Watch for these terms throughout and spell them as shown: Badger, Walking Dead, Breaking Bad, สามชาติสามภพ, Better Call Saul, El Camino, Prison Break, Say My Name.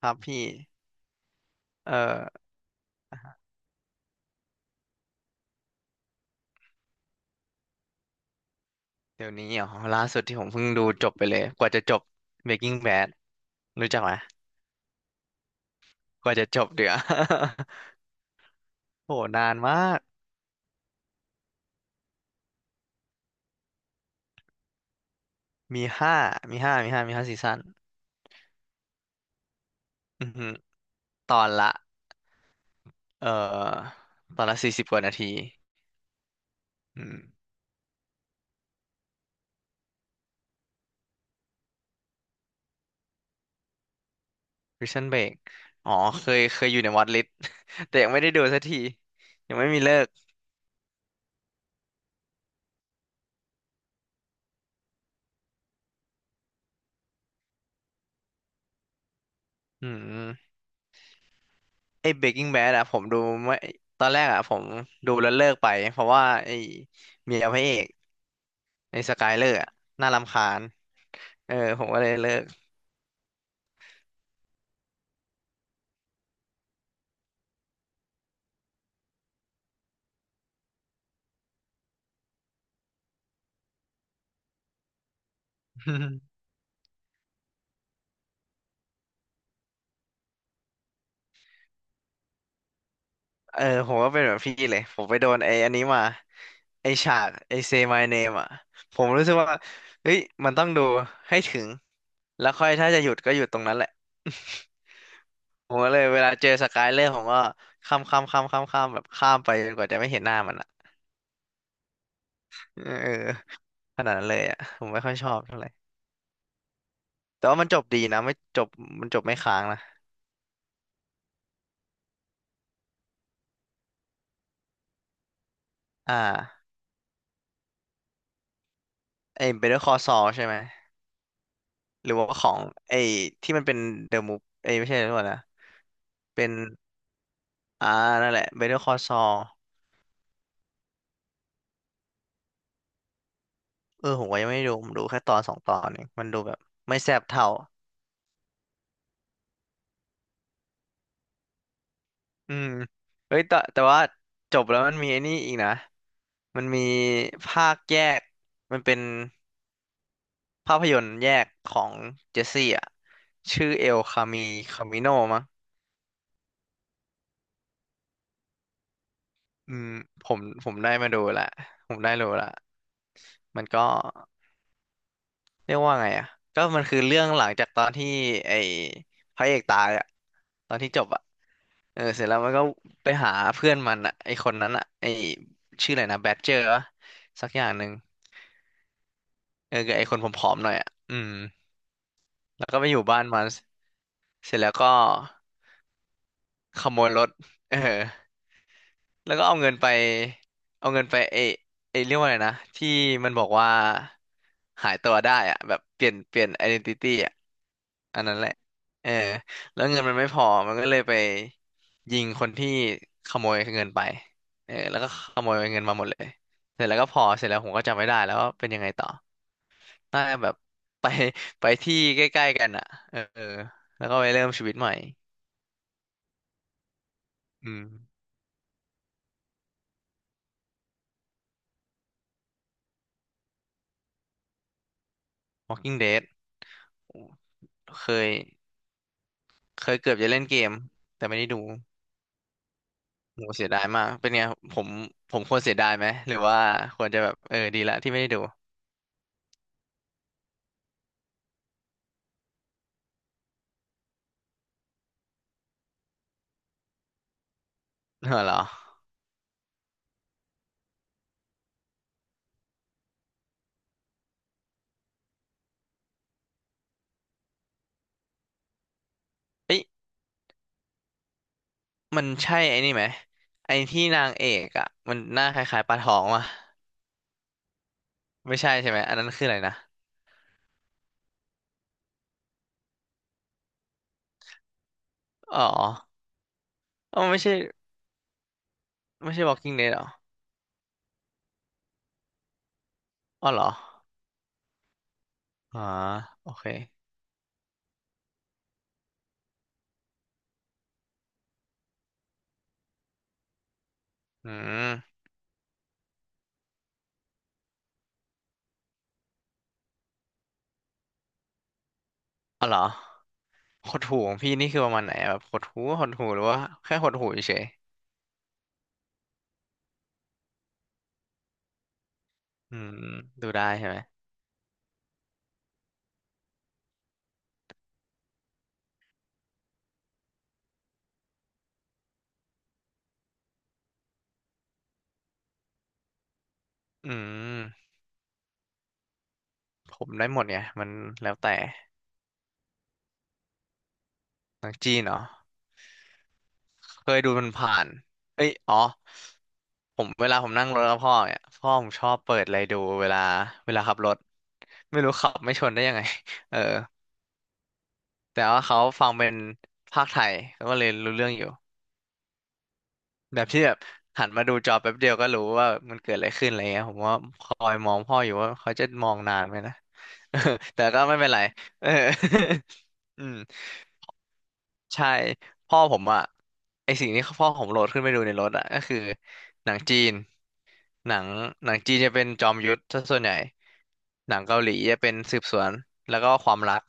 ครับพี่ เอ่อเดี๋ยวนี้เหรอล่าสุดที่ผมเพิ่งดูจบไปเลยกว่าจะจบ Breaking Bad รู้จักไหมกว่าจะจบเดี๋ยว โหนานมากมีห้ามีห้าซีซั่นอือหือตอนละ เอ่อตอนละ40กว่านาทีอืม Prison Break อ๋อเคยอยู่ในวอตลิสต์ แต่ยังไม่ได้ดูสักทียังไม่มีเลิกอืมไอ้ Breaking Bad อะผมดูไม่ตอนแรกอะผมดูแล้วเลิกไปเพราะว่าไอ้เมียพระเอก ในสกายเลอร์อะน่ารำคาญเออผมก็เลยเลิก เออผมก็เป็นแบบพี่เลยผมไปโดนไอ้อันนี้มาไอ้ฉากไอ้ Say My Name อ่ะผมรู้สึกว่าเฮ้ยมันต้องดูให้ถึงแล้วค่อยถ้าจะหยุดก็หยุดตรงนั้นแหละ ผมก็เลยเวลาเจอสกายเลอร์ผมก็ข้ามข้ามข้ามข้ามข้ามแบบข้ามไปจนกว่าจะไม่เห็นหน้ามันอ่ะเออขนาดนั้นเลยอ่ะผมไม่ค่อยชอบเท่าไหร่แต่ว่ามันจบดีนะไม่จบมันจบไม่ค้างนะอ่าไอ้ Better Call Saul ใช่ไหม หรือว่าของไอ้ที่มันเป็นเดอะมูฟเอ้ยไม่ใช่เดอะมูฟนะเป็นอ่านั่นแหละเบเ e อร์คอ s ซอลเออผมก็ยังไม่ได้ดูผมดูแค่ตอนสองตอนเองมันดูแบบไม่แซ่บเท่าอืมเฮ้ยแต่ว่าจบแล้วมันมีไอ้นี่อีกนะมันมีภาคแยกมันเป็นภาพยนตร์แยกของเจสซี่อ่ะชื่อเอลคามีคามิโนมั้งอืมผมได้มาดูละผมได้รู้ละมันก็ เรียกว่าไงอ่ะก็มันคือเรื่องหลังจากตอนที่ไอ้พระเอกตายอ่ะตอนที่จบอ่ะเออเสร็จแล้วมันก็ไปหาเพื่อนมันอ่ะไอ้คนนั้นอ่ะไอ้ชื่ออะไรนะแบดเจอร์วะสักอย่างหนึ่งเออกับไอ้คนผอมๆหน่อยอ่ะอืมแล้วก็ไปอยู่บ้านมันเสร็จแล้วก็ขโมยรถเออ แล้วก็เอาเงินไปเอาเงินไปเอเอเรียกว่าอะไรนะที่มันบอกว่าหายตัวได้อะแบบเปลี่ยนไอเดีนติตี้อะอันนั้นแหละเออแล้วเงินมันไม่พอมันก็เลยไปยิงคนที่ขโมยเงินไปเออแล้วก็ขโมยเงินมาหมดเลยเสร็จแล้วก็พอเสร็จแล้วผมก็จำไม่ได้แล้วว่าเป็นยังไงต่อน่าจะแบบ ไปไปที่ใกล้ๆกันอ่ะเออแล้วก็ไปเริ่มชีวิตใหม่อืม Walking Dead โอ้เคย เคยเกือบจะเล่นเกมแต่ไม่ได้ดูโหเสียดายมากเป็นไงผมผมควรเสียดายไหมหรือว่าควรจะแบบเออดีละที่ไม่ได้ดูเหรอเอ้ยมันใช่ไอ้นี่ไหมไอ้ที่นางเอกอ่ะมันหน้าคล้ายๆปลาทองวะไม่ใช่ใช่ไหมอันนั้นคืออะไรนะอ๋ออ๋อไม่ใช่ไม่ใช่ Walking Dead หรออ๋อเหรออ๋อโอเคอืมอ๋อเหรอหดหู่ของพี่นี่คือประมาณไหนอะแบบหดหู่หดหู่หรือว่าแค่หดหู่เฉยๆอืมดูได้ใช่ไหมอืม ผมได้หมดไงมันแล้วแต่หนังจีนเนาะเคยดูมันผ่านเอ้ยอ๋อผมเวลาผมนั่งรถกับพ่อเนี่ยพ่อผมชอบเปิดอะไรดูเวลาขับรถไม่รู้ขับไม่ชนได้ยังไง เออแต่ว่าเขาฟังเป็นภาคไทยเขาก็เลยรู้เรื่องอยู่แบบที่แบบหันมาดูจอแป๊บเดียวก็รู้ว่ามันเกิดอะไรขึ้นอะไรเงี้ยผมว่าคอยมองพ่ออยู่ว่าเขาจะมองนานไหมนะ แต่ก็ไม่เป็นไรเออ อืม ใช่พ่อผมอะไอสิ่งที่พ่อผมโหลดขึ้นไปดูในรถอะก็คือหนังจีนหนังหนังจีนจะเป็นจอมยุทธซะส่วนใหญ่หนังเกาหลีจะเป็นสืบสวนแล้วก็ความรัก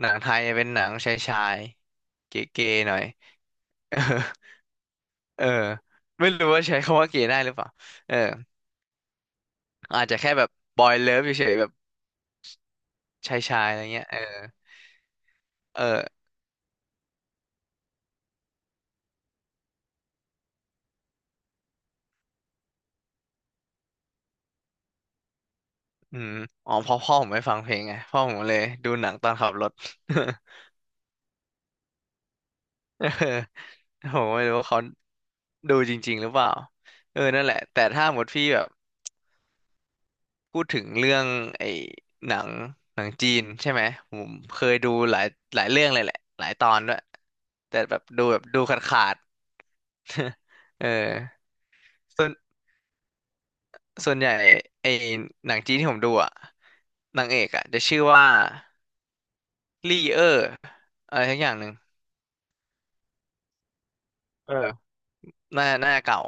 หนังไทยจะเป็นหนังชายชายเก๋ๆหน่อย เออเออไม่รู้ว่าใช้คำว่าเก๋ได้หรือเปล่าเอออาจจะแค่แบบบอยเลิฟเฉยๆแบบชายชายอะไรเงี้ยเออเอออืมอ๋อเพราะพ่อผมไม่ฟังเพลงไงพ่อผมเลยดูหนังตอนขับรถ ผมไม่รู้ว่าเขาดูจริงๆหรือเปล่าเออนั่นแหละแต่ถ้าหมดพี่แบบพูดถึงเรื่องไอ้หนังหนังจีนใช่ไหมผมเคยดูหลายเรื่องเลยแหละหลายตอนด้วยแต่แบบดูแบบดูขาดขาด เออส่วนส่วนใหญ่ไอ้หนังจีนที่ผมดูอ่ะนางเอกอ่ะจะชื่อว่าลี่เออร์อะไรทักอย่างหนึ่งเออน่าเก่า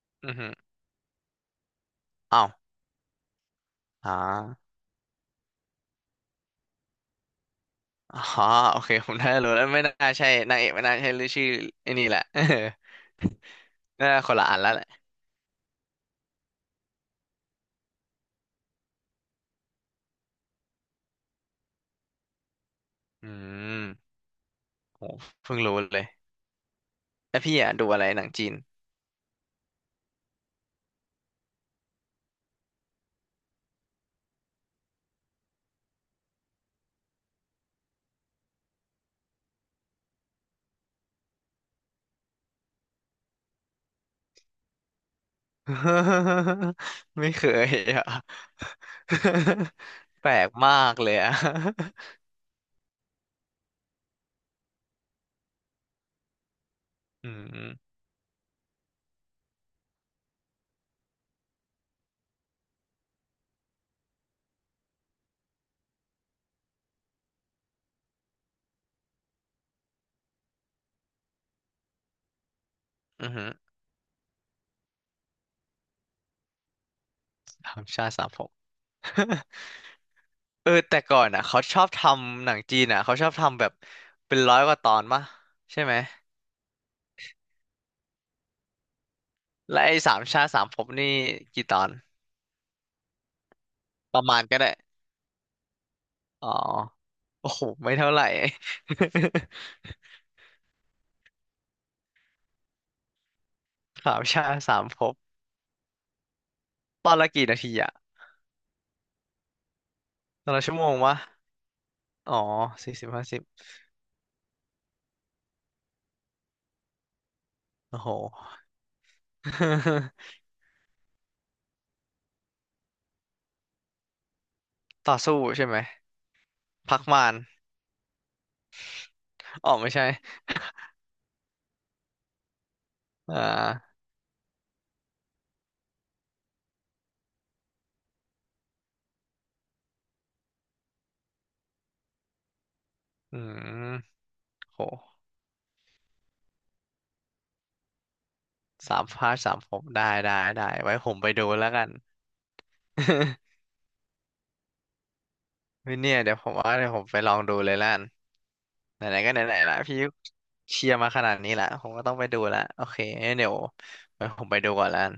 อือหืออ้าวอ่า อ๋อโอเคผมน่าจะรู้แล้วไม่น่าใช่นางเอกไม่น่าใช่หรือชื่อไอ้นี่แหละ น่าคนละอันแล้วแหละอืมโหเพิ่งรู้เลยแล้วพี่อ่ะดูอะไรหนังจีน ไม่เคยอ่ะ แปลกมากเลยอ่ะ อืมอือหือธรรมชาติสามภพ เออแต่ก่อนอ่ะเขาชอบทำหนังจีนอ่ะเขาชอบทำแบบเป็น100กว่าตอนมะใช่ไหมและไอ้สามชาติสามภพนี่กี่ตอนประมาณก็ได้ อ๋อ โอ้โหไม่เท่าไหร่ สามชาติสามภพตอนละกี่นาทีอะตอนละชั่วโมงวะอ๋อ40-50โอ้โห ต่อสู้ใช่ไหมพักมานอ๋อไม่ใช่อ่าอืมโหสามพาร์ทสามภพได้ได้ได้ ไว้ผมไปดูแล้วกัน ม่เนี่ยเดี๋ยวผมว่าเดี๋ยวผมไปลองดูเลยและกันไหนๆก็ไหนๆละพี่เชียร์มาขนาดนี้ละผมก็ต้องไปดูละโอเคงั้นเดี๋ยวไว้ผมไปดูก่อนแลวกัน